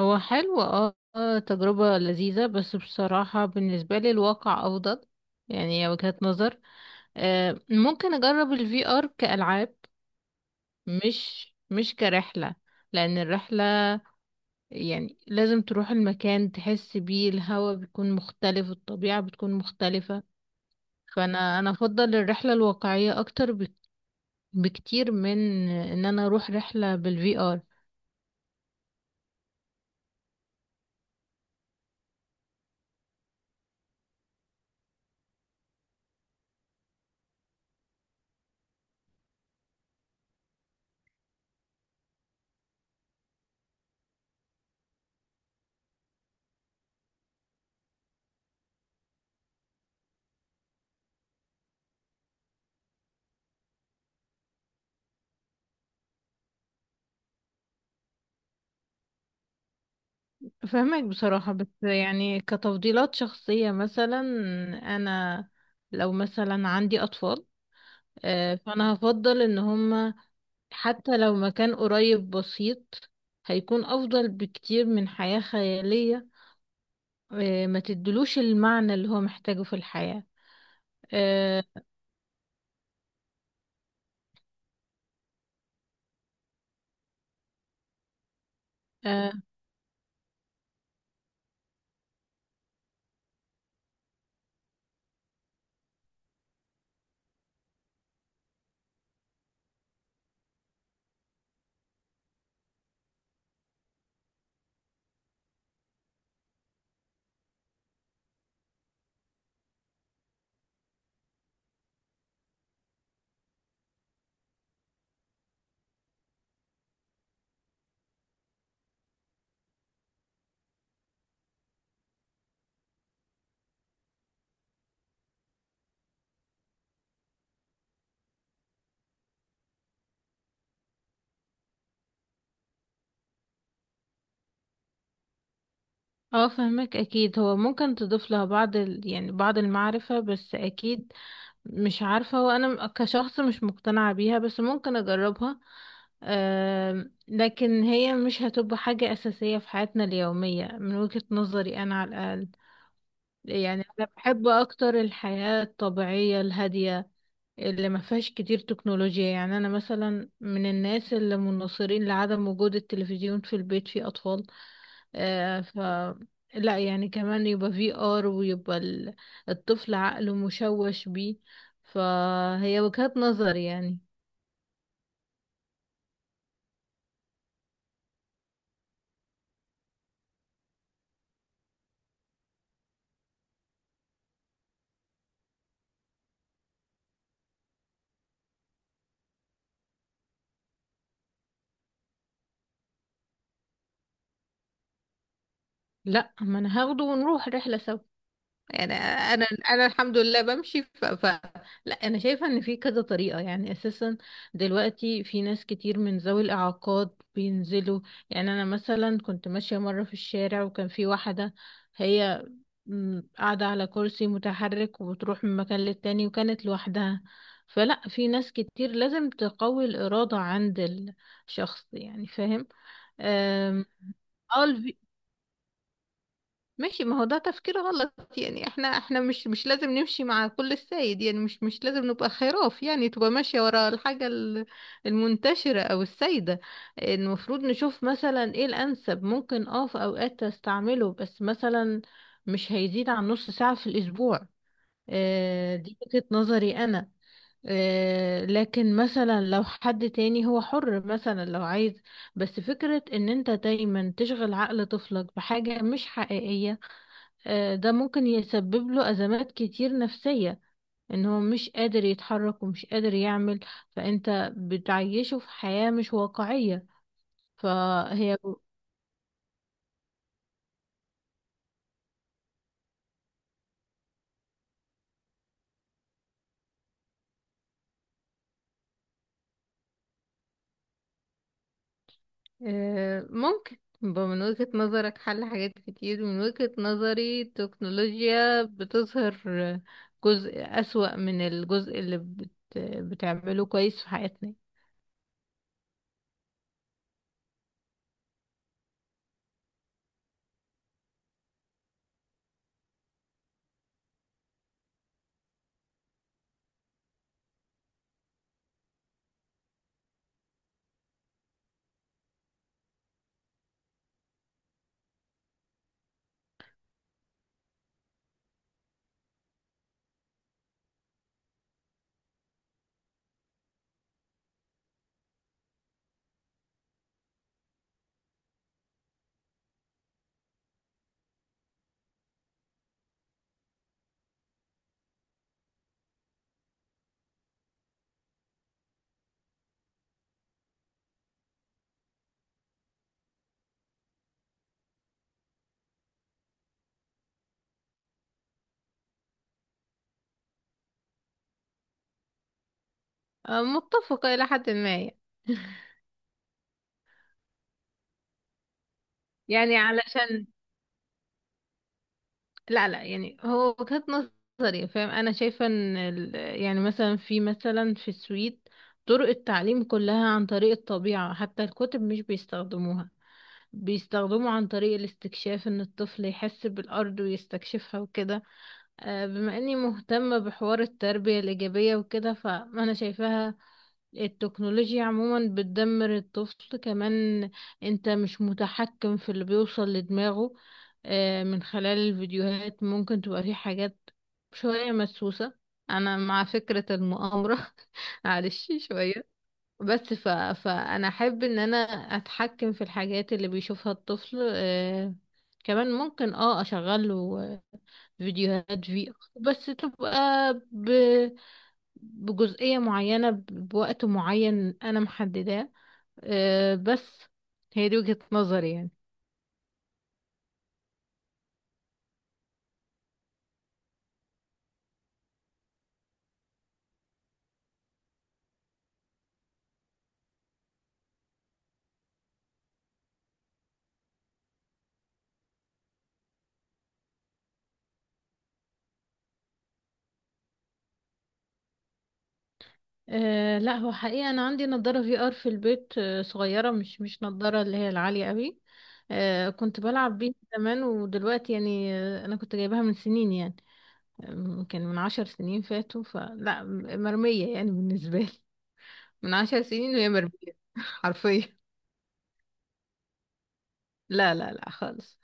هو حلو تجربة لذيذة، بس بصراحة بالنسبة لي الواقع أفضل. يعني هي وجهة نظر. ممكن أجرب الفي ار كألعاب، مش كرحلة. لأن الرحلة يعني لازم تروح المكان تحس بيه، الهوا بيكون مختلف، الطبيعة بتكون مختلفة. فأنا أفضل الرحلة الواقعية أكتر بكتير من إن أنا أروح رحلة بالفي ار. فهمك بصراحة، بس يعني كتفضيلات شخصية. مثلا أنا لو مثلا عندي أطفال، فأنا هفضل إن هما حتى لو مكان قريب بسيط هيكون أفضل بكتير من حياة خيالية. ما تدلوش المعنى اللي هو محتاجه في الحياة. اه. آه، فهمك. أكيد هو ممكن تضيف لها بعض يعني بعض المعرفة، بس أكيد مش عارفة، هو أنا كشخص مش مقتنعة بيها، بس ممكن أجربها. لكن هي مش هتبقى حاجة أساسية في حياتنا اليومية من وجهة نظري أنا على الأقل. يعني أنا بحب أكتر الحياة الطبيعية الهادية اللي ما فيهاش كتير تكنولوجيا. يعني أنا مثلا من الناس اللي مناصرين لعدم وجود التلفزيون في البيت في أطفال. آه، ف لا يعني كمان يبقى في ار ويبقى الطفل عقله مشوش بيه. فهي وجهات نظر يعني. لا، ما انا هاخده ونروح رحلة سوا. يعني انا الحمد لله بمشي لا انا شايفه ان في كذا طريقه يعني اساسا. دلوقتي في ناس كتير من ذوي الاعاقات بينزلوا. يعني انا مثلا كنت ماشيه مره في الشارع، وكان في واحده هي قاعده على كرسي متحرك، وبتروح من مكان للتاني وكانت لوحدها. فلا، في ناس كتير لازم تقوي الاراده عند الشخص، يعني فاهم. أم، اه، ماشي. ما هو ده تفكير غلط، يعني احنا مش لازم نمشي مع كل السيد، يعني مش لازم نبقى خراف يعني، تبقى ماشية ورا الحاجة المنتشرة او السيدة. المفروض نشوف مثلا ايه الانسب، ممكن اه في اوقات استعمله بس مثلا مش هيزيد عن نص ساعة في الاسبوع. آه دي وجهة نظري انا. آه لكن مثلا لو حد تاني هو حر، مثلا لو عايز. بس فكرة ان انت دايما تشغل عقل طفلك بحاجة مش حقيقية، ده ممكن يسبب له أزمات كتير نفسية. ان هو مش قادر يتحرك ومش قادر يعمل، فانت بتعيشه في حياة مش واقعية. فهي ممكن يبقى من وجهة نظرك حل حاجات كتير، من وجهة نظري التكنولوجيا بتظهر جزء أسوأ من الجزء اللي بتعمله كويس في حياتنا. متفقة إلى حد ما يعني. يعني علشان لا لا، يعني هو وجهة نظري فاهم. انا شايفة ان يعني مثلا في، مثلا في السويد طرق التعليم كلها عن طريق الطبيعة، حتى الكتب مش بيستخدموها، بيستخدموا عن طريق الاستكشاف، ان الطفل يحس بالارض ويستكشفها وكده. بما اني مهتمة بحوار التربية الإيجابية وكده فأنا شايفاها التكنولوجيا عموما بتدمر الطفل. كمان انت مش متحكم في اللي بيوصل لدماغه من خلال الفيديوهات، ممكن تبقى في حاجات شوية مدسوسة. انا مع فكرة المؤامرة معلش شوية. بس فانا احب ان انا اتحكم في الحاجات اللي بيشوفها الطفل. كمان ممكن اه اشغله فيديوهات في بس تبقى ب... بجزئية معينة، بوقت معين أنا محدداه. أه بس هي دي وجهة نظري يعني. أه لا، هو حقيقة أنا عندي نضارة في آر في البيت، أه صغيرة، مش نضارة اللي هي العالية قوي. أه كنت بلعب بيها زمان، ودلوقتي يعني أنا كنت جايبها من سنين يعني. ممكن من 10 سنين فاتوا، فلا مرمية يعني بالنسبة لي. من 10 سنين وهي مرمية حرفيا. لا لا لا خالص.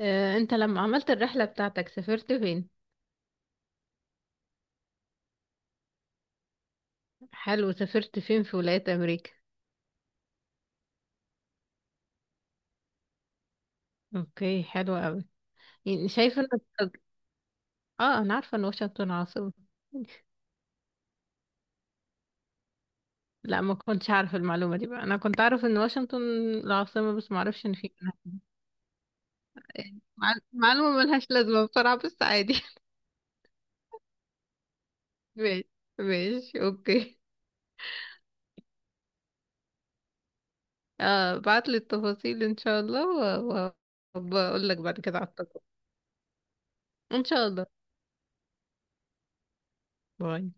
انت لما عملت الرحلة بتاعتك سافرت فين؟ حلو، سافرت فين في ولايات امريكا؟ اوكي، حلو قوي. يعني شايفة ان اه انا عارفة ان واشنطن عاصمة. لا ما كنتش عارفة المعلومة دي بقى، انا كنت اعرف ان واشنطن العاصمة بس ما اعرفش ان في معلومة ملهاش لازمة بصراحة، بس عادي ماشي، ماشي اوكي. اه، بعت لي التفاصيل ان شاء الله، وبقول لك بعد كده على التجربة ان شاء الله. باي.